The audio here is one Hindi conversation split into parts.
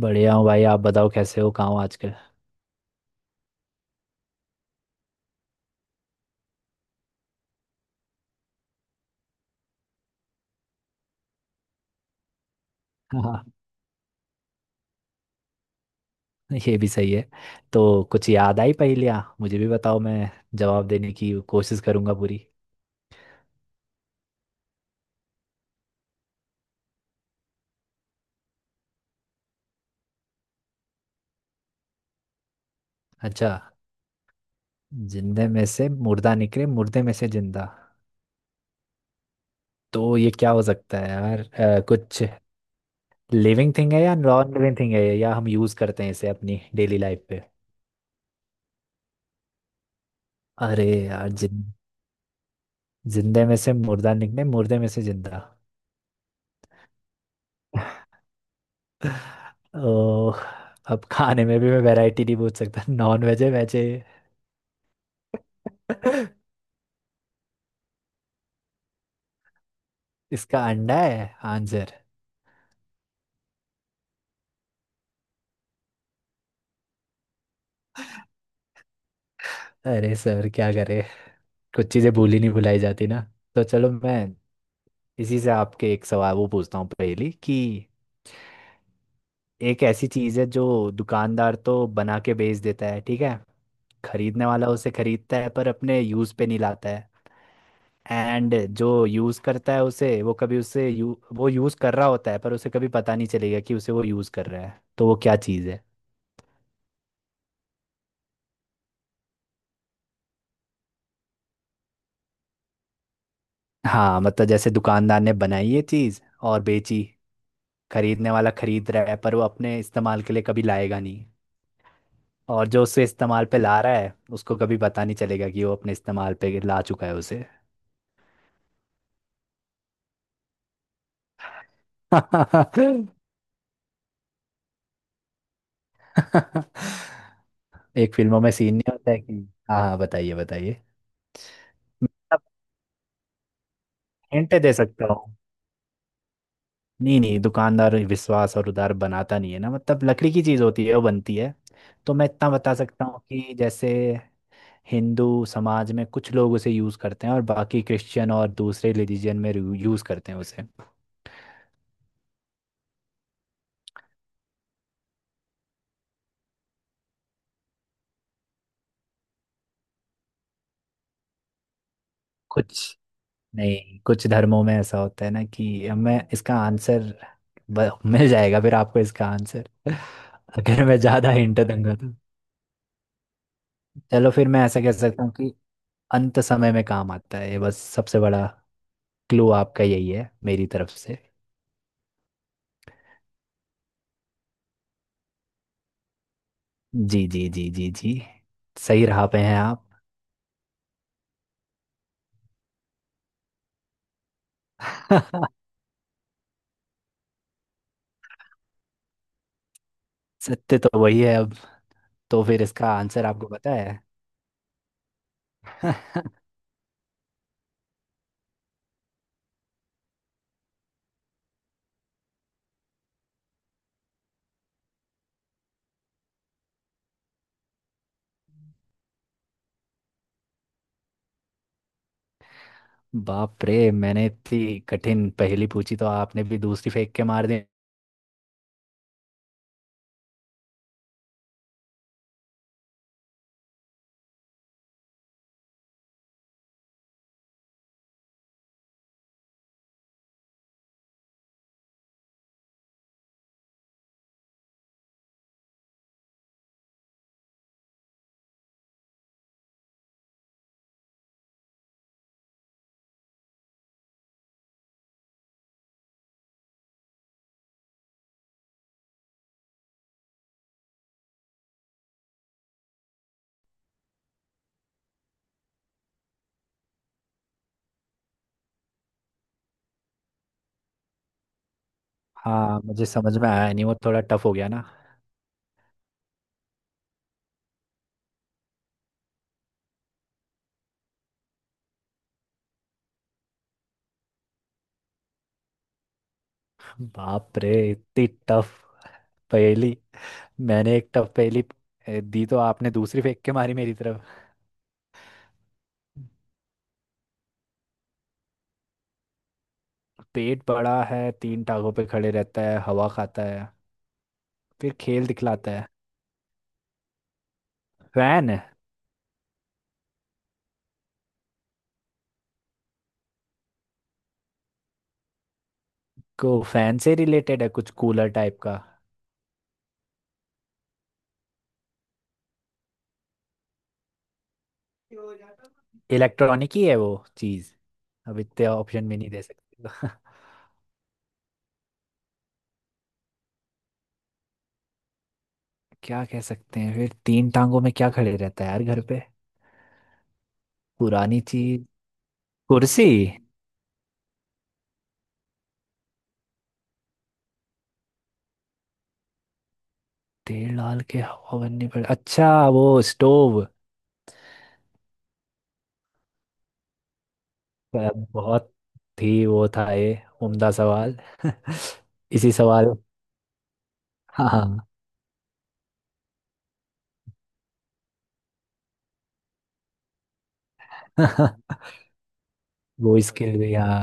बढ़िया हूँ भाई। आप बताओ कैसे हो, कहाँ हो आजकल। हाँ, ये भी सही है। तो कुछ याद आई पहेलियाँ मुझे भी बताओ, मैं जवाब देने की कोशिश करूंगा पूरी। अच्छा। जिंदे में से मुर्दा निकले, मुर्दे में से जिंदा। तो ये क्या हो सकता है यार, कुछ लिविंग थिंग है या नॉन लिविंग थिंग है, या हम यूज़ करते हैं इसे अपनी डेली लाइफ पे। अरे यार, जिन जिंदे में से मुर्दा निकले, मुर्दे में से जिंदा। ओह। अब खाने में भी मैं वैरायटी नहीं पूछ सकता। नॉन वेज है, वेज है? इसका अंडा है आंसर। अरे सर, क्या करे, कुछ चीजें भूली नहीं भुलाई जाती ना। तो चलो मैं इसी से आपके एक सवाल वो पूछता हूँ पहली। कि एक ऐसी चीज है जो दुकानदार तो बना के बेच देता है, ठीक है। खरीदने वाला उसे खरीदता है पर अपने यूज पे नहीं लाता है। एंड जो यूज करता है उसे, वो कभी उसे वो यूज कर रहा होता है पर उसे कभी पता नहीं चलेगा कि उसे वो यूज कर रहा है। तो वो क्या चीज है? हाँ, मतलब जैसे दुकानदार ने बनाई ये चीज और बेची। खरीदने वाला खरीद रहा है पर वो अपने इस्तेमाल के लिए कभी लाएगा नहीं। और जो उसे इस्तेमाल पे ला रहा है उसको कभी पता नहीं चलेगा कि वो अपने इस्तेमाल पे ला चुका है उसे। एक फिल्मों में सीन नहीं होता है कि। हाँ हाँ, बताइए बताइए। मैं हिंट दे सकता हूँ। नहीं नहीं, दुकानदार विश्वास और उधार बनाता नहीं है ना, मतलब लकड़ी की चीज होती है वो बनती है। तो मैं इतना बता सकता हूँ कि जैसे हिंदू समाज में कुछ लोग उसे यूज करते हैं और बाकी क्रिश्चियन और दूसरे रिलीजन में यूज करते हैं उसे। कुछ नहीं, कुछ धर्मों में ऐसा होता है ना कि हमें इसका आंसर मिल जाएगा, फिर आपको इसका आंसर अगर मैं ज्यादा हिंट दूंगा तो। चलो फिर मैं ऐसा कह सकता हूँ कि अंत समय में काम आता है ये। बस सबसे बड़ा क्लू आपका यही है मेरी तरफ से। जी जी जी जी जी, सही राह पे हैं आप। सत्य तो वही है अब। तो फिर इसका आंसर आपको पता है? बाप रे, मैंने इतनी कठिन पहेली पूछी तो आपने भी दूसरी फेंक के मार दी। हाँ, मुझे समझ में आया नहीं, वो थोड़ा टफ हो गया ना। बाप रे, इतनी टफ पहेली। मैंने एक टफ पहेली दी तो आपने दूसरी फेंक के मारी मेरी तरफ। पेट बड़ा है, तीन टांगों पे खड़े रहता है, हवा खाता है, फिर खेल दिखलाता है। फैन है? को फैन से रिलेटेड है, कुछ कूलर टाइप का? इलेक्ट्रॉनिक ही है वो चीज़? अब इतने ऑप्शन भी नहीं दे सकते तो। क्या कह सकते हैं फिर, तीन टांगों में क्या खड़े रहता है यार घर पे। पुरानी चीज। कुर्सी? तेल डाल के हवा बननी पड़, अच्छा, वो स्टोव। बहुत ही वो था ये, उम्दा सवाल। इसी सवाल। हाँ। वो स्किल भी, हाँ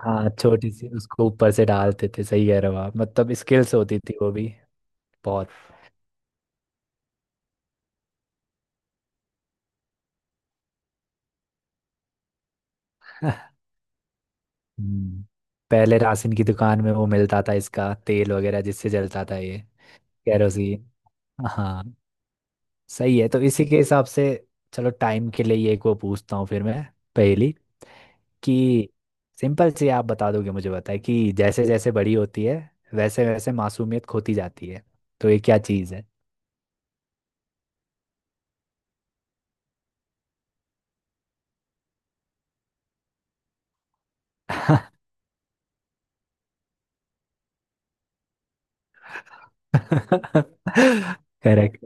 हाँ, छोटी सी उसको ऊपर से डालते थे। सही कह रहे हो आप, मतलब स्किल्स होती थी वो भी। बहुत। हम्म। पहले राशन की दुकान में वो मिलता था इसका तेल वगैरह जिससे जलता था ये। केरोसिन। हाँ, सही है। तो इसी के हिसाब से चलो, टाइम के लिए ये एक वो पूछता हूँ फिर मैं पहेली। कि सिंपल सी, आप बता दोगे मुझे बताए। कि जैसे जैसे बड़ी होती है वैसे वैसे मासूमियत खोती जाती है, तो ये क्या चीज़ है? करेक्ट।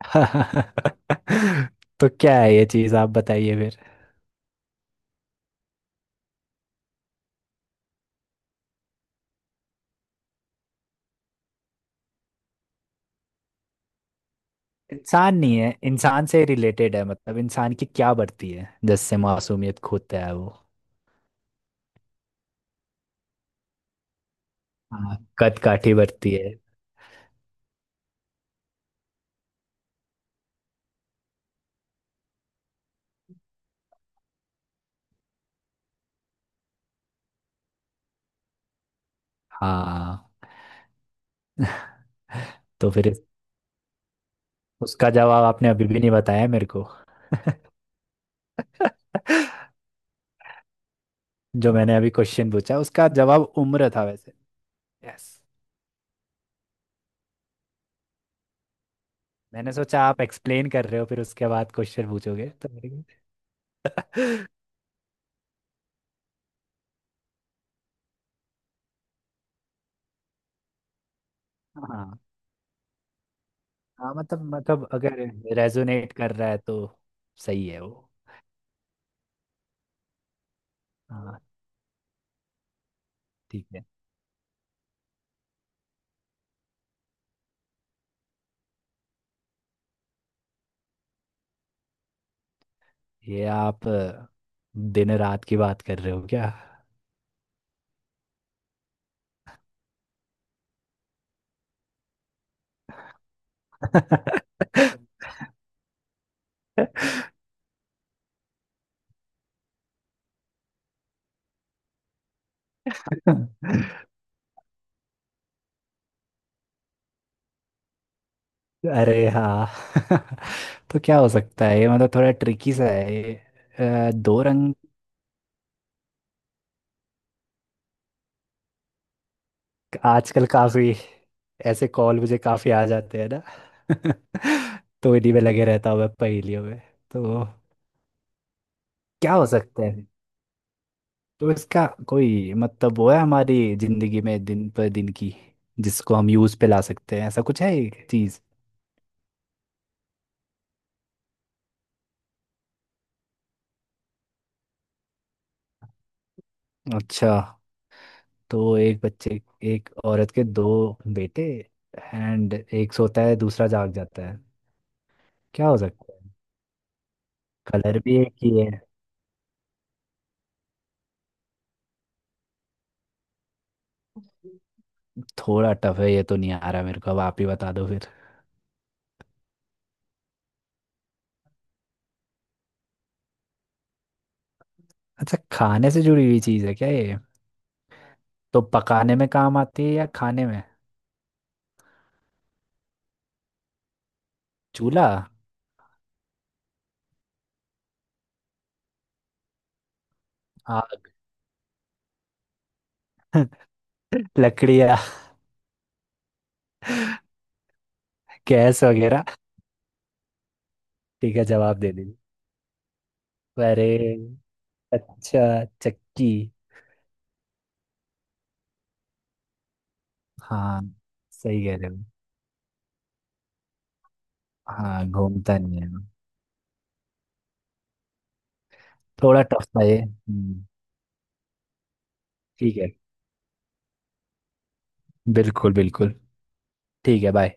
तो क्या है ये चीज़ आप बताइए फिर। इंसान नहीं है, इंसान से रिलेटेड है। मतलब इंसान की क्या बढ़ती है जिससे मासूमियत खोता है वो? हाँ, कद काठी बढ़ती है। हाँ तो फिर उसका जवाब आपने अभी भी नहीं बताया मेरे को। जो मैंने अभी क्वेश्चन पूछा उसका जवाब उम्र था वैसे। यस। मैंने सोचा आप एक्सप्लेन कर रहे हो, फिर उसके बाद क्वेश्चन पूछोगे तो मेरे को। हाँ हाँ, मतलब मतलब अगर रेजोनेट कर रहा है तो सही है वो। हाँ। ठीक है। ये आप दिन रात की बात कर रहे हो क्या? अरे हाँ। तो क्या हो सकता है ये, मतलब थोड़ा ट्रिकी सा है ये। दो रंग। आजकल काफी ऐसे कॉल मुझे काफी आ जाते हैं ना। तो इन्हीं में लगे रहता हूँ मैं पहेलियों में। तो क्या हो सकता है? तो इसका कोई मतलब वो है हमारी जिंदगी में दिन पर दिन की जिसको हम यूज पे ला सकते हैं, ऐसा कुछ है एक चीज? अच्छा। तो एक बच्चे, एक औरत के दो बेटे एंड एक सोता है दूसरा जाग जाता है। क्या हो सकता है? कलर भी एक ही है। थोड़ा टफ है ये, तो नहीं आ रहा मेरे को, अब आप ही बता दो। अच्छा, खाने से जुड़ी हुई चीज है क्या ये? तो पकाने में काम आती है या खाने में? चूल्हा? आग। लकड़ियाँ। गैस वगैरह। ठीक है, जवाब दे दीजिए। अरे, अच्छा, चक्की। हाँ, सही कह रहे हो। हाँ, घूमता नहीं है। थोड़ा टफ था ये। हम्म। ठीक है। बिल्कुल बिल्कुल। ठीक है, बाय।